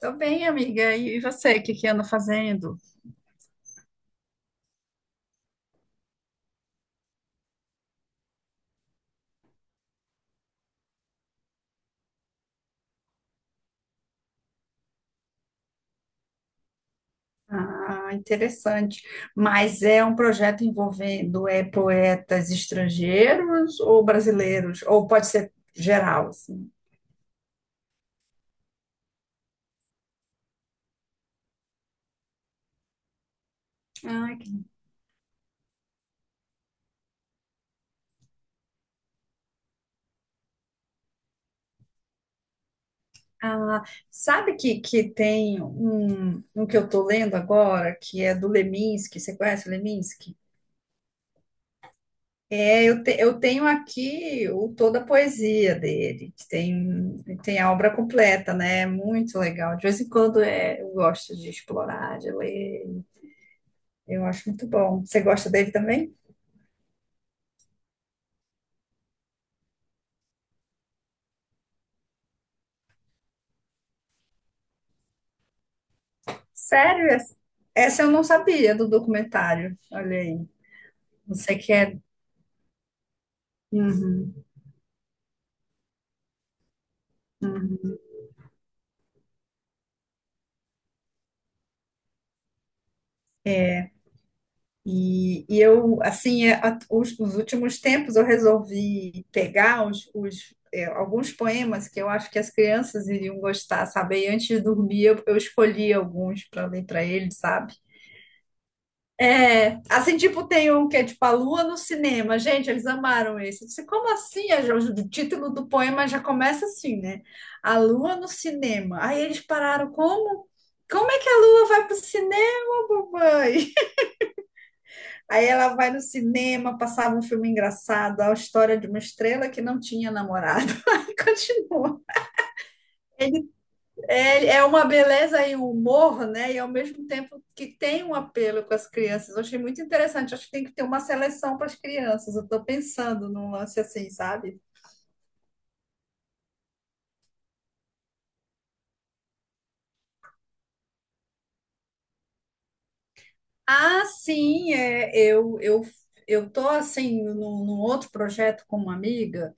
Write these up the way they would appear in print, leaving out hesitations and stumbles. Tô bem, amiga. E você, o que que anda fazendo? Ah, interessante. Mas é um projeto envolvendo poetas estrangeiros ou brasileiros? Ou pode ser geral, assim? Ai, que- Ah, sabe que tem um que eu tô lendo agora, que é do Leminski. Você conhece o Leminski? É, eu tenho aqui o, toda a poesia dele, tem a obra completa, né? É muito legal. De vez em quando eu gosto de explorar, de ler. Eu acho muito bom. Você gosta dele também? Sério? Essa eu não sabia do documentário. Olha aí. Você que é. Uhum. Eu, assim, os, nos últimos tempos eu resolvi pegar os, é, alguns poemas que eu acho que as crianças iriam gostar, sabe? E antes de dormir eu escolhi alguns para ler para eles, sabe? É, assim, tipo, tem um que é tipo A Lua no Cinema. Gente, eles amaram esse. Eu disse, como assim? O título do poema já começa assim, né? A Lua no Cinema. Aí eles pararam, como? Como é que a Lua vai pro cinema, mamãe? Aí ela vai no cinema, passava um filme engraçado, a história de uma estrela que não tinha namorado. Aí continua. Ele, é, é uma beleza e um humor, né? E ao mesmo tempo que tem um apelo com as crianças. Eu achei muito interessante. Acho que tem que ter uma seleção para as crianças. Eu estou pensando num lance assim, sabe? Ah, sim, é, eu tô assim num outro projeto com uma amiga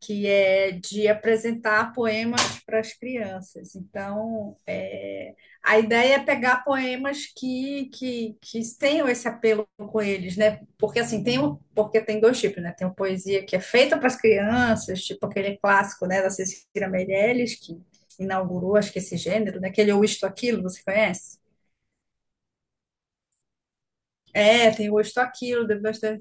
que é de apresentar poemas para as crianças. Então, é, a ideia é pegar poemas que tenham esse apelo com eles, né? Porque assim tem um, porque tem dois tipos, né? Tem uma poesia que é feita para as crianças, tipo aquele clássico, né, da Cecília Meirelles, que inaugurou, acho que esse gênero, né? Aquele Eu Isto Aquilo, você conhece? É, tem o Isto Aquilo, depois tem.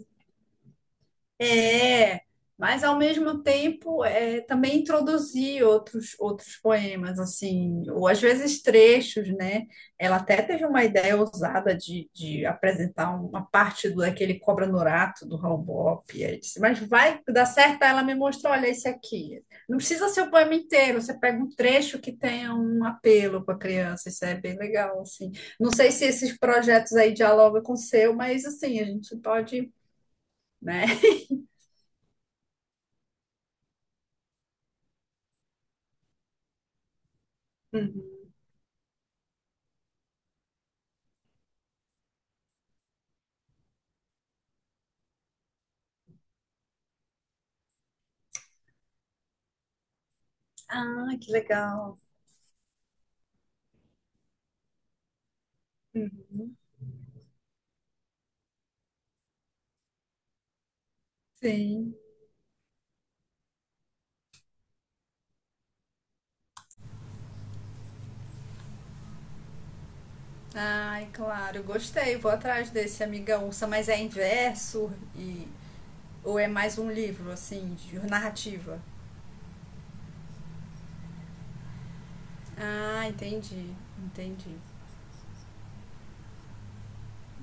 É, mas ao mesmo tempo é, também introduzir outros poemas, assim, ou às vezes trechos, né? Ela até teve uma ideia ousada de apresentar uma parte do, daquele Cobra Norato, do Raul Bop, e aí disse, mas vai dar certo. Aí ela me mostrou, olha, esse aqui. Não precisa ser o poema inteiro, você pega um trecho que tenha um apelo para a criança, isso é bem legal, assim. Não sei se esses projetos aí dialogam com o seu, mas assim, a gente pode, né? Ah, que legal. Hum. Sim. Ai, claro, gostei. Vou atrás desse Amiga Ursa, mas é inverso e ou é mais um livro assim, de narrativa? Ah, entendi. Entendi.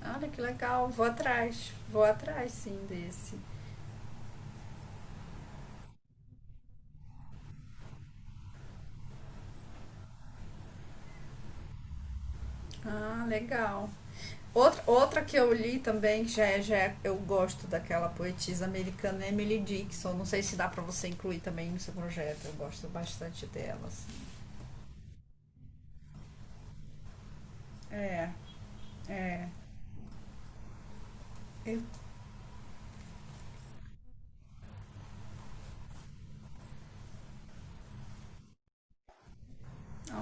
Olha que legal. Vou atrás. Vou atrás sim desse. Ah, legal. Outra que eu li também, que eu gosto daquela poetisa americana, Emily Dixon. Não sei se dá pra você incluir também no seu projeto. Eu gosto bastante delas. É. Eu-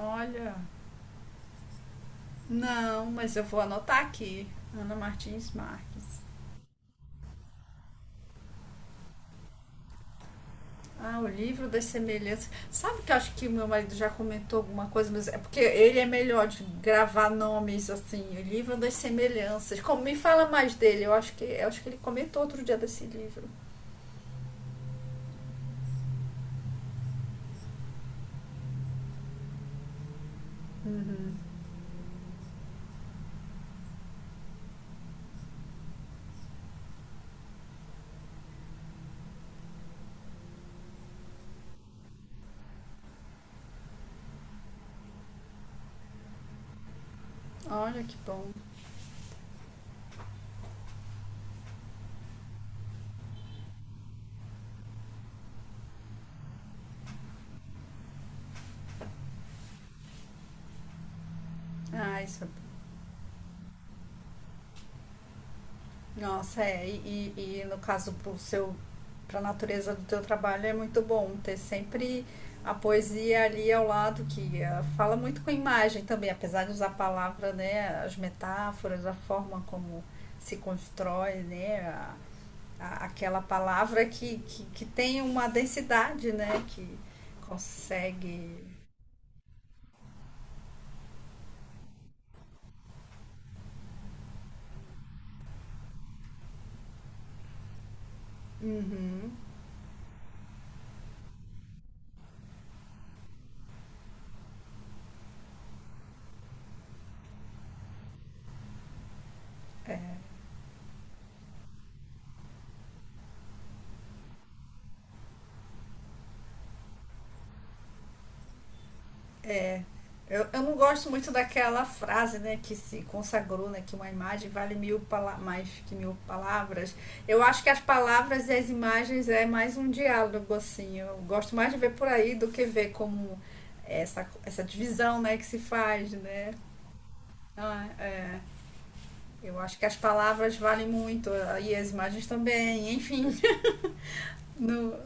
olha, não, mas eu vou anotar aqui. Ana Martins Marques. Ah, o livro das semelhanças. Sabe que eu acho que meu marido já comentou alguma coisa, mas é porque ele é melhor de gravar nomes assim. O livro das semelhanças. Como me fala mais dele? Eu acho que ele comentou outro dia desse livro. Olha que bom. Ah, isso é. Nossa, e no caso pro seu, para a natureza do teu trabalho é muito bom ter sempre a poesia ali ao lado que fala muito com a imagem também, apesar de usar a palavra, né, as metáforas, a forma como se constrói, né, aquela palavra que tem uma densidade, né, que consegue. Uhum. É, eu não gosto muito daquela frase, né, que se consagrou, né, que uma imagem vale mais que mil palavras. Eu acho que as palavras e as imagens é mais um diálogo, assim. Eu gosto mais de ver por aí do que ver como essa divisão, né, que se faz, né. Ah, é. Eu acho que as palavras valem muito e as imagens também, enfim. No,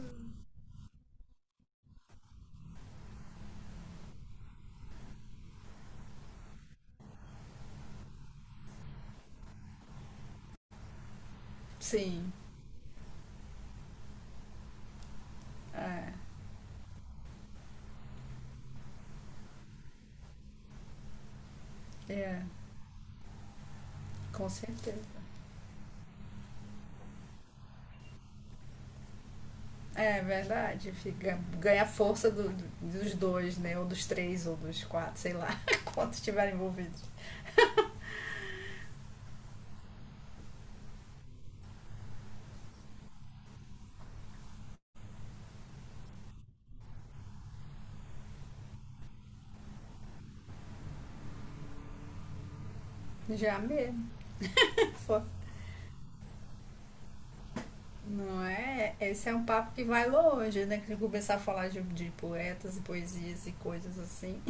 sim, é, com certeza. É verdade, fica, ganha força dos dois, né? Ou dos três, ou dos quatro, sei lá, quantos estiverem envolvidos. Já mesmo. Fo- Não é? Esse é um papo que vai longe, né? Que se começar a falar de poetas e poesias e coisas assim.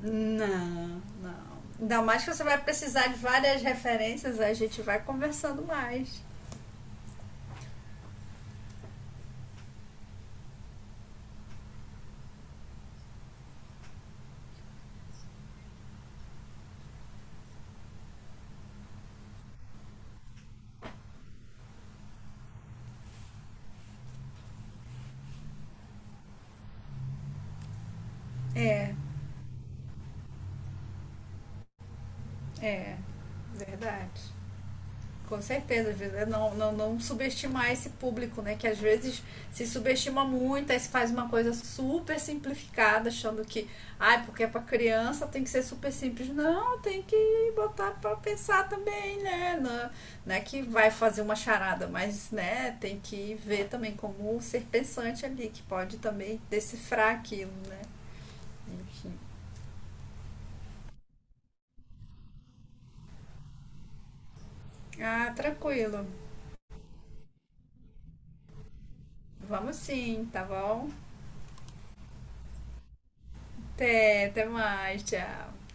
Não, não. Ainda mais que você vai precisar de várias referências, a gente vai conversando mais. É, é, verdade. Com certeza, é não, não, não subestimar esse público, né? Que às vezes se subestima muito, aí se faz uma coisa super simplificada, achando que, ai, porque é para criança, tem que ser super simples. Não, tem que botar para pensar também, né? Não, não é que vai fazer uma charada, mas, né, tem que ver também como ser pensante ali, que pode também decifrar aquilo, né? Enfim. Ah, tranquilo. Vamos sim, tá bom? Até, até mais, tchau.